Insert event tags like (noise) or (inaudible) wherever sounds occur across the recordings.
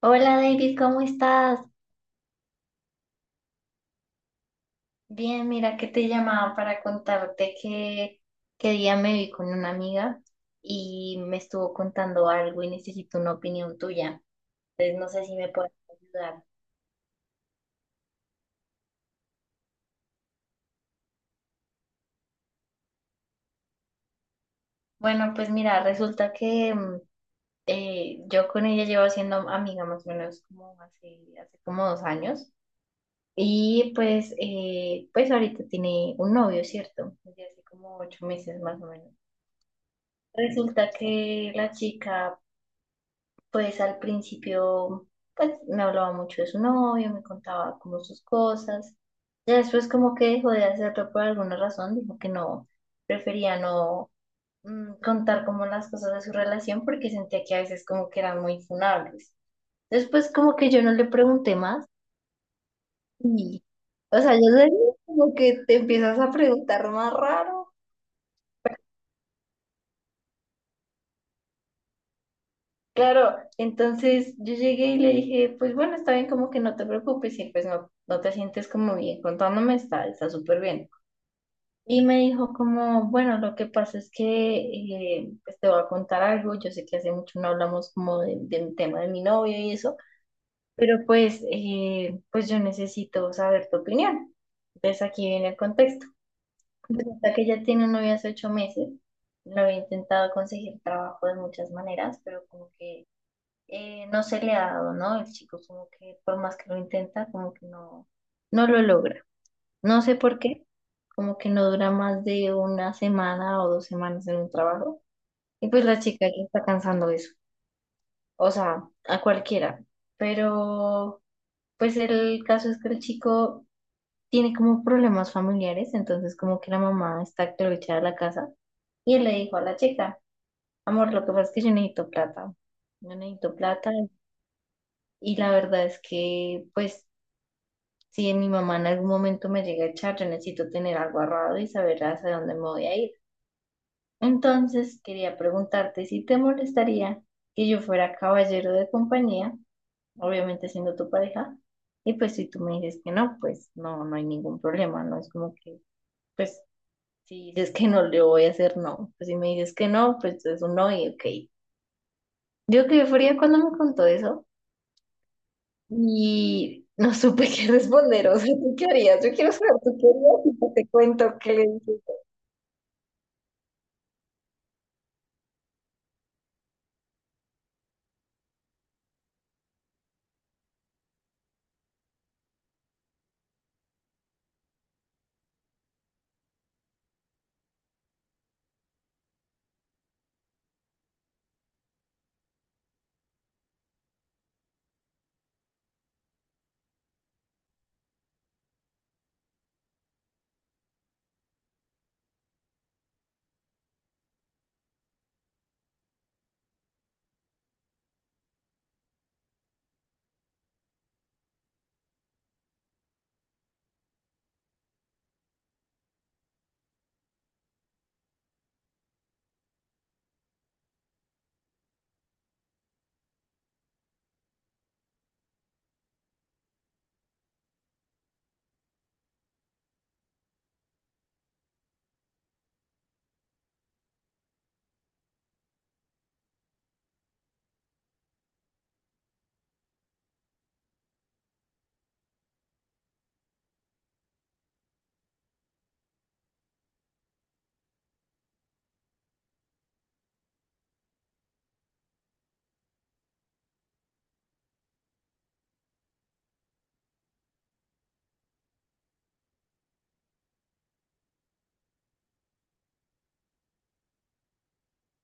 Hola David, ¿cómo estás? Bien, mira que te llamaba para contarte que día me vi con una amiga y me estuvo contando algo y necesito una opinión tuya. Entonces no sé si me puedes ayudar. Bueno, pues mira, resulta que yo con ella llevo siendo amiga más o menos como hace como 2 años y pues, pues ahorita tiene un novio, ¿cierto? Desde hace como 8 meses más o menos. Resulta que la chica, pues al principio, pues me hablaba mucho de su novio, me contaba como sus cosas. Ya después como que dejó de hacerlo por alguna razón, dijo que no, prefería no contar como las cosas de su relación porque sentía que a veces como que eran muy funables. Después como que yo no le pregunté más y, o sea, yo sé como que te empiezas a preguntar más raro. Claro, entonces yo llegué y le dije, pues bueno, está bien, como que no te preocupes y pues no, no te sientes como bien, contándome está súper bien. Y me dijo como, bueno, lo que pasa es que pues te voy a contar algo, yo sé que hace mucho no hablamos como del tema de mi novio y eso, pero pues, pues yo necesito saber tu opinión. Entonces aquí viene el contexto. Hasta que ella tiene un novio hace 8 meses, lo he intentado conseguir trabajo de muchas maneras, pero como que no se le ha dado, ¿no? El chico como que por más que lo intenta, como que no, no lo logra. No sé por qué, como que no dura más de una semana o dos semanas en un trabajo. Y pues la chica ya está cansando eso, o sea, a cualquiera. Pero pues el caso es que el chico tiene como problemas familiares, entonces como que la mamá está que lo echa de la casa. Y él le dijo a la chica, amor, lo que pasa es que yo necesito plata. Yo necesito plata y la verdad es que pues si mi mamá en algún momento me llega a echar, yo necesito tener algo ahorrado y saber hacia dónde me voy a ir. Entonces, quería preguntarte si te molestaría que yo fuera caballero de compañía, obviamente siendo tu pareja, y pues si tú me dices que no, pues no, no hay ningún problema, no es como que, pues si dices que no, le voy a hacer no, pues si me dices que no, pues es un no y ok. Yo qué fría cuando me contó eso. Y no supe qué responder, o sea, ¿tú qué harías? Yo quiero saber, ¿tú qué harías? Y pues te cuento qué le dije.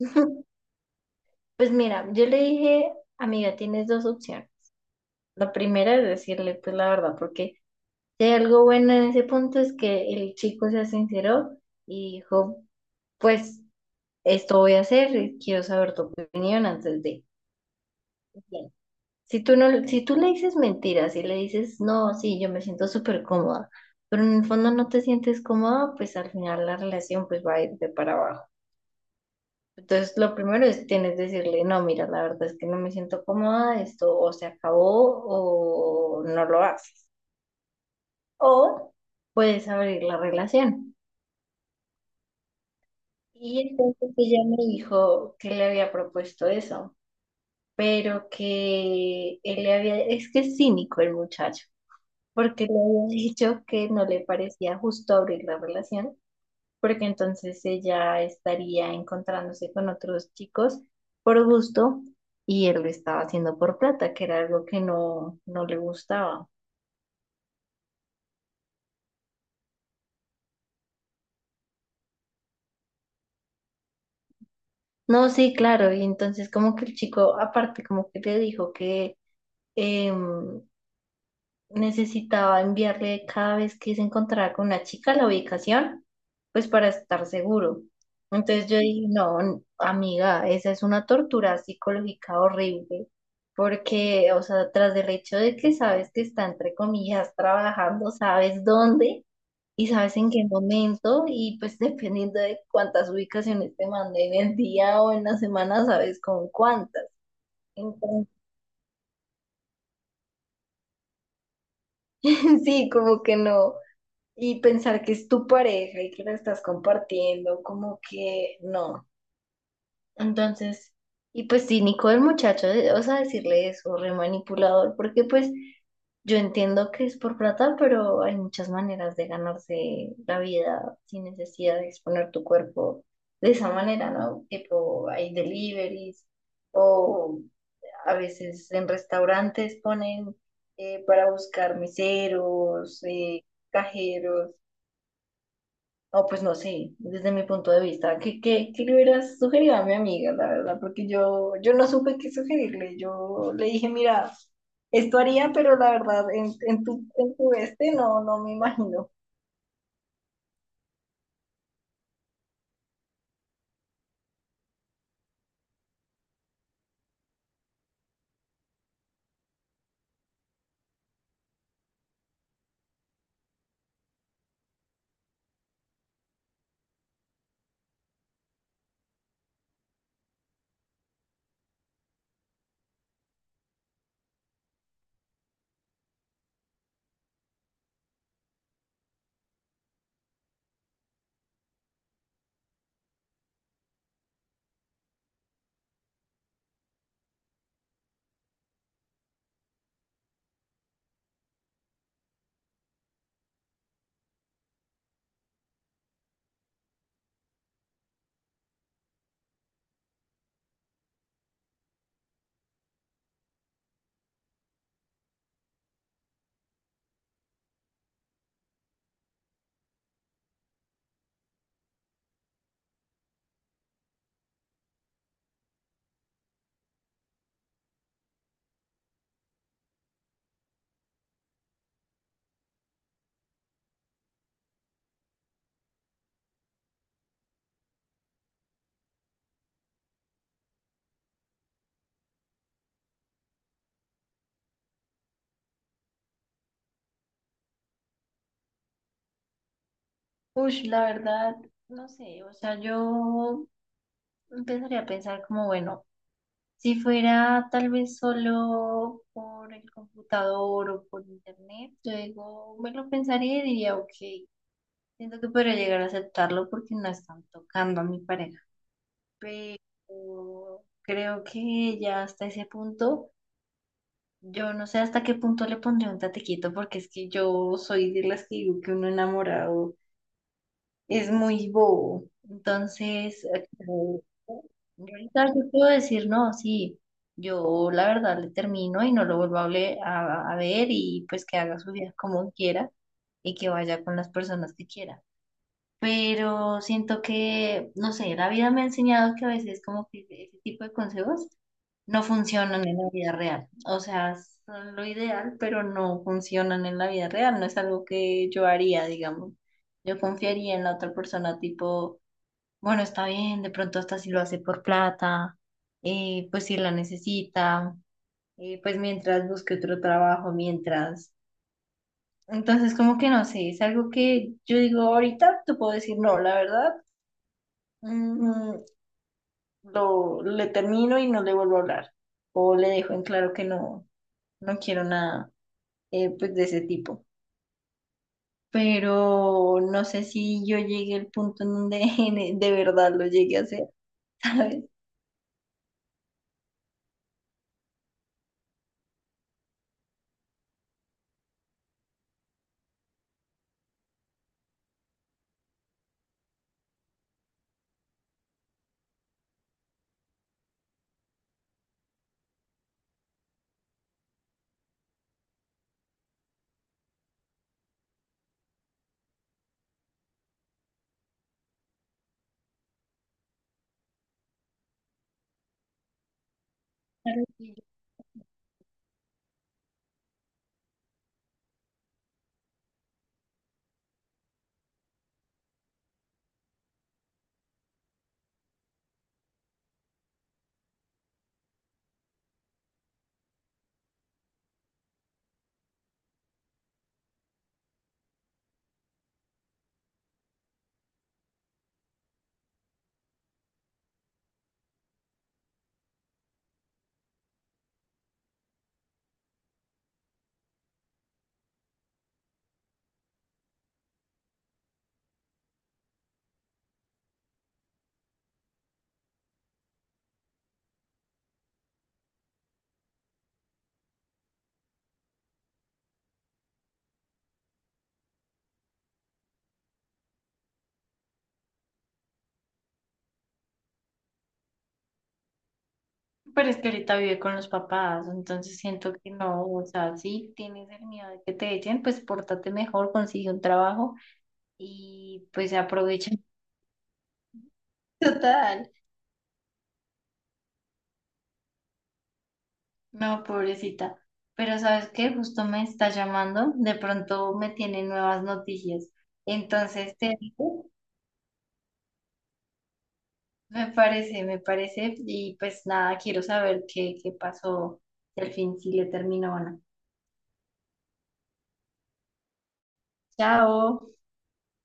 (laughs) Pues mira, yo le dije, amiga, tienes dos opciones. La primera es decirle, pues la verdad, porque si hay algo bueno en ese punto es que el chico se sinceró y dijo, pues esto voy a hacer, y quiero saber tu opinión antes de... Si tú no, si tú le dices mentiras y le dices, no, sí, yo me siento súper cómoda, pero en el fondo no te sientes cómoda, pues al final la relación pues va a ir de para abajo. Entonces, lo primero es tienes que decirle, no, mira, la verdad es que no me siento cómoda, esto o se acabó o no lo haces. O puedes abrir la relación. Y entonces ella me dijo que le había propuesto eso, pero que él le había, es que es cínico el muchacho porque le había dicho que no le parecía justo abrir la relación, porque entonces ella estaría encontrándose con otros chicos por gusto y él lo estaba haciendo por plata, que era algo que no, no le gustaba. No, sí, claro, y entonces como que el chico aparte como que le dijo que... em, necesitaba enviarle cada vez que se encontraba con una chica la ubicación, pues para estar seguro. Entonces yo dije, no, amiga, esa es una tortura psicológica horrible, porque, o sea, tras el hecho de que sabes que está, entre comillas, trabajando, sabes dónde y sabes en qué momento, y pues dependiendo de cuántas ubicaciones te mande en el día o en la semana, sabes con cuántas. Entonces, (laughs) sí, como que no. Y pensar que es tu pareja y que la estás compartiendo, como que no. Entonces, y pues cínico el muchacho, o sea, decirle eso, re manipulador, porque pues yo entiendo que es por plata, pero hay muchas maneras de ganarse la vida sin necesidad de exponer tu cuerpo de esa manera, ¿no? Tipo, hay deliveries o a veces en restaurantes ponen para buscar meseros, cajeros o pues no sé, desde mi punto de vista, ¿ qué le hubieras sugerido a mi amiga, la verdad? Porque yo no supe qué sugerirle. Yo le dije, mira, esto haría, pero la verdad, en tu este no, no me imagino. Uy, la verdad, no sé, o sea, yo empezaría a pensar como, bueno, si fuera tal vez solo por el computador o por internet, luego me lo pensaría y diría, ok, siento que podría llegar a aceptarlo porque no están tocando a mi pareja. Pero creo que ya hasta ese punto, yo no sé hasta qué punto le pondré un tatequito, porque es que yo soy de las que digo que uno enamorado es muy bobo. Entonces, yo ahorita yo puedo decir, no, sí, yo la verdad le termino y no lo vuelvo a, a ver y pues que haga su vida como quiera y que vaya con las personas que quiera, pero siento que, no sé, la vida me ha enseñado que a veces como que ese tipo de consejos no funcionan en la vida real. O sea, son lo ideal, pero no funcionan en la vida real. No es algo que yo haría, digamos. Yo confiaría en la otra persona, tipo, bueno, está bien, de pronto hasta si lo hace por plata, pues si la necesita, pues mientras busque otro trabajo, mientras... Entonces, como que no sé, es algo que yo digo ahorita, te puedo decir no, la verdad mm, le termino y no le vuelvo a hablar. O le dejo en claro que no, no quiero nada pues de ese tipo. Pero no sé si yo llegué al punto en donde (laughs) de verdad lo llegué a hacer, (laughs) ¿sabes? Claro, sí. Pero es que ahorita vive con los papás, entonces siento que no, o sea, sí tienes el miedo de que te echen, pues pórtate mejor, consigue un trabajo y pues aprovecha. (laughs) Total. No, pobrecita. Pero ¿sabes qué? Justo me está llamando. De pronto me tiene nuevas noticias. Entonces te digo, me parece, me parece. Y pues nada, quiero saber qué pasó, si al fin si le terminó o no. Chao.